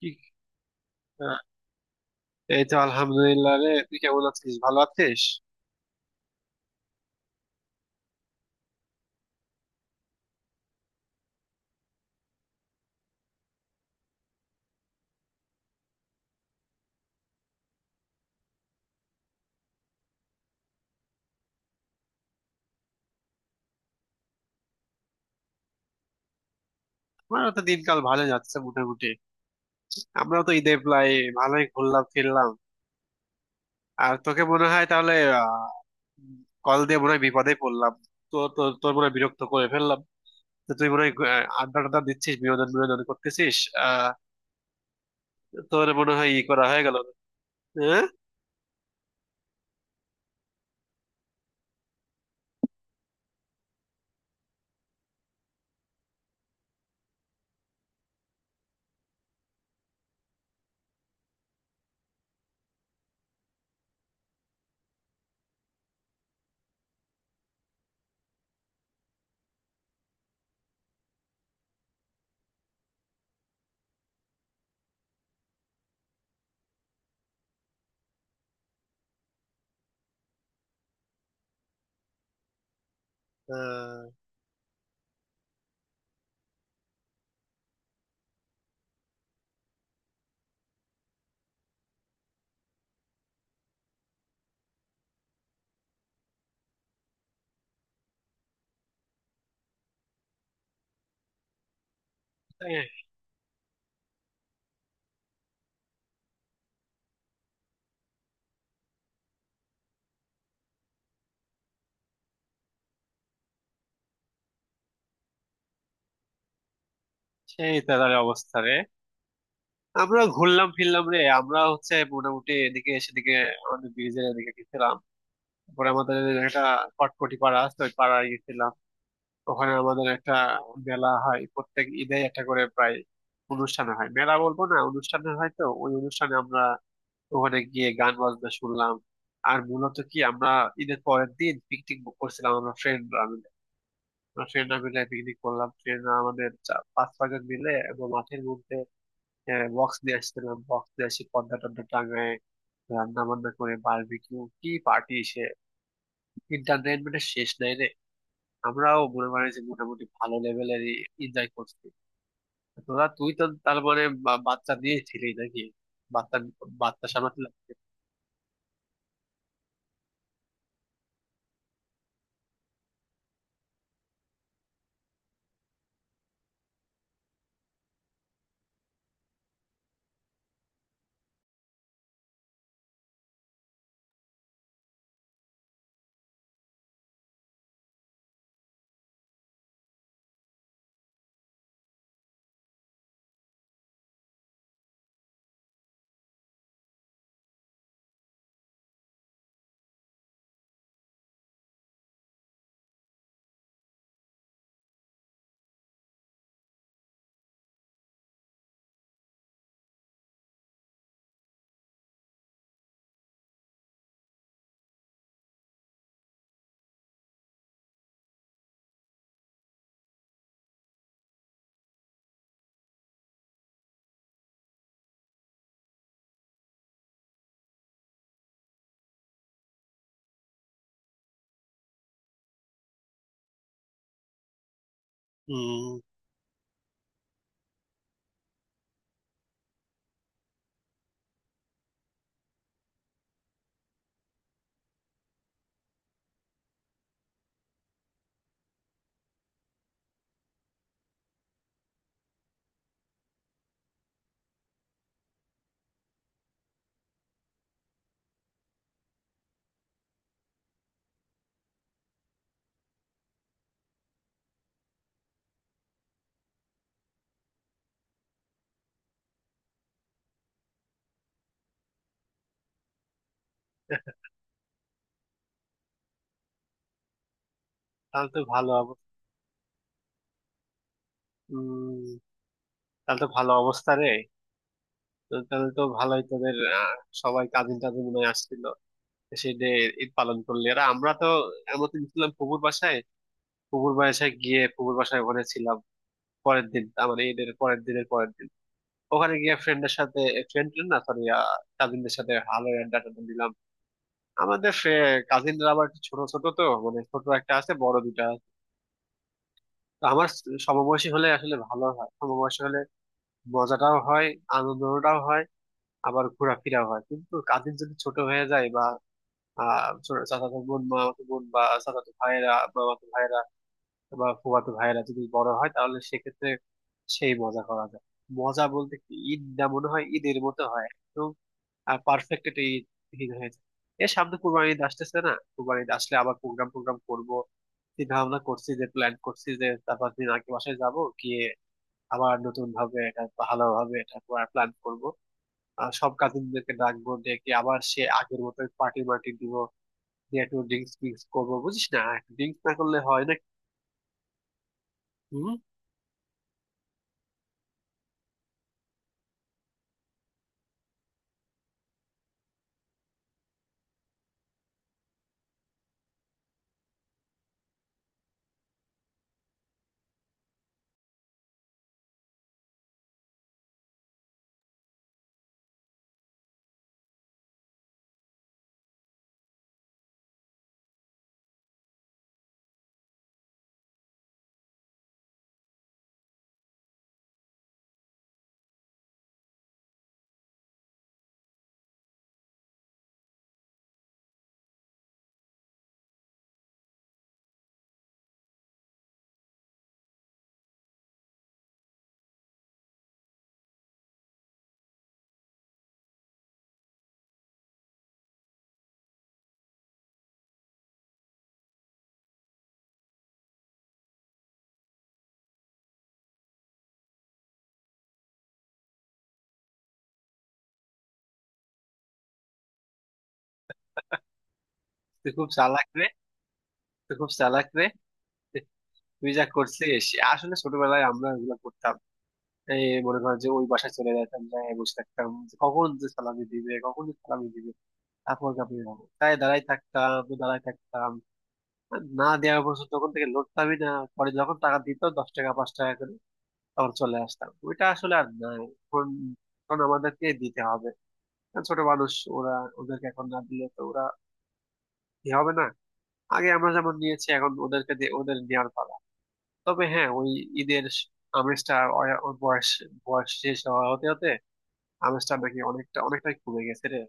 কি? আহ, এই তো আলহামদুলিল্লাহ রে, তুই কেমন আছিস? ভালো আছিস? আমারও তো দিনকাল ভালো যাচ্ছে মোটামুটি। আমরাও তো ঈদে প্রায় ভালোই ঘুরলাম ফিরলাম। আর তোকে মনে হয় তাহলে আহ, কল দিয়ে মনে হয় বিপদে পড়লাম। তো তোর তোর মনে হয় বিরক্ত করে ফেললাম। তো তুই মনে হয় আড্ডা টাড্ডা দিচ্ছিস, বিনোদন বিনোদন করতেছিস। আহ তোর মনে হয় ই করা হয়ে গেল? হ্যাঁ। আহ, এই- সেই তাদের অবস্থা রে। আমরা ঘুরলাম ফিরলাম রে, আমরা হচ্ছে মোটামুটি এদিকে সেদিকে। আমাদের ব্রিজের এদিকে গেছিলাম। তারপরে আমাদের একটা কটকটি পাড়া আছে, ওই পাড়ায় গেছিলাম। ওখানে আমাদের একটা মেলা হয় প্রত্যেক ঈদে, একটা করে প্রায় অনুষ্ঠান হয়। মেলা বলবো না, অনুষ্ঠান হয়। তো ওই অনুষ্ঠানে আমরা ওখানে গিয়ে গান বাজনা শুনলাম। আর মূলত কি, আমরা ঈদের পরের দিন পিকনিক বুক করছিলাম, আমরা ফ্রেন্ডরা মিলে। আমরা ফ্রেন্ডরা মিলে পিকনিক করলাম। ফ্রেন্ডরা আমাদের পাঁচ ছয়জন মিলে এবং মাঠের মধ্যে বক্স নিয়ে আসছিলাম। বক্স নিয়ে এসে পর্দা টর্দা টাঙায়, রান্না বান্না করে বারবিকিউ কি পার্টি সে, এন্টারটেনমেন্টের শেষ নাই রে। আমরাও মনে করেন যে মোটামুটি ভালো লেভেলের এনজয় করছি। তোরা, তুই তারপরে বাচ্চা নিয়েছিলি নাকি? বাচ্চা, বাচ্চা সামলাতে লাগছে? হম, তাহলে তো ভালো অবস্থা। হম, তাহলে তো ভালো অবস্থা রে। তো তাহলে তো ভালোই তোদের, সবাই কাজিন টাজিন মনে হয় আসছিল। সেই ডে ঈদ পালন করলি। আর আমরা তো এমন ছিলাম ফুপুর বাসায়। ফুপুর বাসায় গিয়ে, ফুপুর বাসায় ওখানে ছিলাম। পরের দিন, তার মানে ঈদের পরের দিনের পরের দিন ওখানে গিয়ে ফ্রেন্ডের সাথে, ফ্রেন্ড না সরি, কাজিনদের সাথে ভালো আড্ডা টাড্ডা দিলাম। আমাদের কাজিনরা আবার একটু ছোট ছোট, তো মানে ছোট একটা আছে, বড় দুটা আছে। তো আমার সমবয়সী হলে আসলে ভালো হয়। সমবয়সী হলে মজাটাও হয়, আনন্দটাও হয়, আবার ঘোরাফেরাও হয়। কিন্তু কাজিন যদি ছোট হয়ে যায় বা চাচাতো বোন, মামাতো বোন বা চাচাতো ভাইয়েরা, মামাতো ভাইয়েরা বা ফুফাতো ভাইয়েরা যদি বড় হয় তাহলে সেক্ষেত্রে সেই মজা করা যায়। মজা বলতে কি, ঈদ না মনে হয় ঈদের মতো হয়, পারফেক্ট একটা ঈদ ঈদ হয়েছে। এর সামনে কুরবানি ঈদ আসতেছে না, কুরবানি ঈদ আসলে আবার প্রোগ্রাম প্রোগ্রাম করব। চিন্তা ভাবনা করছি, যে প্ল্যান করছি যে চার পাঁচ দিন আগে বাসায় যাব। গিয়ে আবার নতুন ভাবে এটা ভালোভাবে এটা প্ল্যান করব। আর সব কাজিনদেরকে ডাকবো, ডেকে আবার সে আগের মতো পার্টি মার্টি দিব। দিয়ে একটু ড্রিঙ্কস ফিঙ্কস করবো, বুঝিস না, ড্রিঙ্কস না করলে হয় না। হম। তুই খুব চালাক রে। তুই খুব চালাক রে। তুই যা করছিস! আসলে ছোটবেলায় আমরা ওগুলো করতাম। এই মনে করো যে ওই বাসায় চলে যাইতাম, যাই বসে থাকতাম যে কখন যে সালামি দিবে, কখন যে সালামি দিবে। তারপর কাঁপিয়ে যাবো, তাই দাঁড়াই থাকতাম, দাঁড়াই থাকতাম। না দেওয়া পর্যন্ত তখন থেকে লড়তামই না। পরে যখন টাকা দিত, দশ টাকা পাঁচ টাকা করে, তখন চলে আসতাম। ওইটা আসলে আর নাই এখন। এখন আমাদেরকে দিতে হবে, কারণ ছোট মানুষ ওরা। ওদেরকে এখন না দিলে তো ওরা কি হবে না। আগে আমরা যেমন নিয়েছি, এখন ওদেরকে দিয়ে ওদের নেওয়ার পালা। তবে হ্যাঁ, ওই ঈদের আমেজটা, ওর ওর বয়স, বয়স শেষ হওয়া হতে হতে আমেজটা নাকি অনেকটা, অনেকটাই কমে গেছে রে।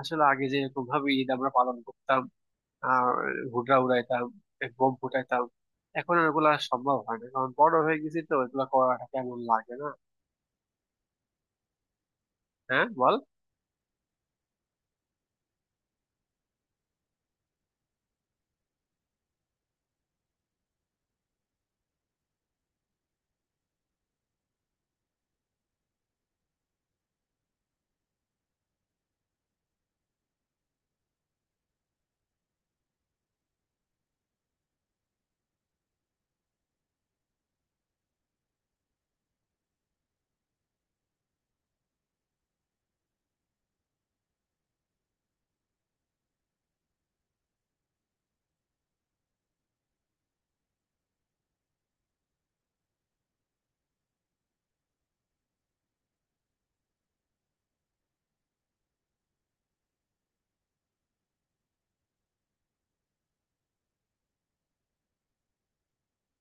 আসলে আগে যে এরকম ভাবে ঈদ আমরা পালন করতাম আর ঘুড়া উড়াইতাম, এ বোম ফুটাইতাম, এখন আর ওগুলা সম্ভব হয় না। কারণ বড় হয়ে গেছি তো এগুলা করাটা কেমন লাগে না। হ্যাঁ বল।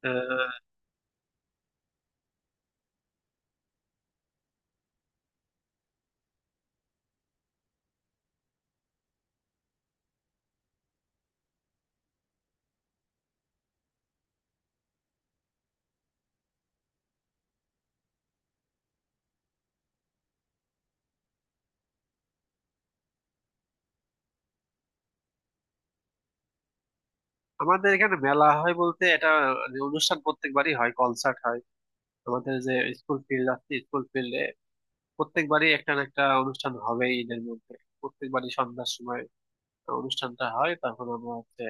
আহ, আমাদের এখানে মেলা হয় বলতে এটা যে অনুষ্ঠান প্রত্যেকবারই হয়, কনসার্ট হয়। আমাদের যে স্কুল ফিল্ড আছে, স্কুল ফিল্ডে প্রত্যেকবারই একটা না একটা অনুষ্ঠান হবেই ঈদের মধ্যে। প্রত্যেকবারই সন্ধ্যার সময় অনুষ্ঠানটা হয়। তখন আমরা হচ্ছে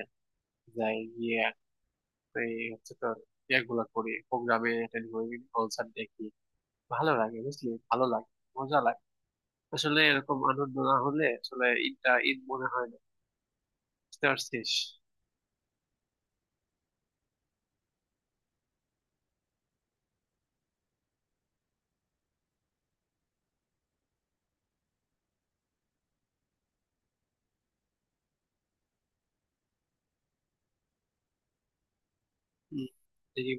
যাই গিয়ে, এই হচ্ছে তোর ইয়েগুলা করি, প্রোগ্রামে অ্যাটেন্ড করি, কনসার্ট দেখি। ভালো লাগে, বুঝলি, ভালো লাগে, মজা লাগে। আসলে এরকম আনন্দ না হলে আসলে ঈদটা ঈদ মনে হয় না। বুঝতে পারছিস? হম। ঠিকই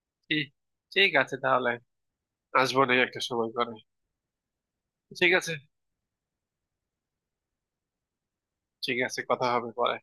বলছিস। ঠিক আছে তাহলে, আসবো না একটা সময় করে। ঠিক আছে। ঠিক আছে, কথা হবে পরে।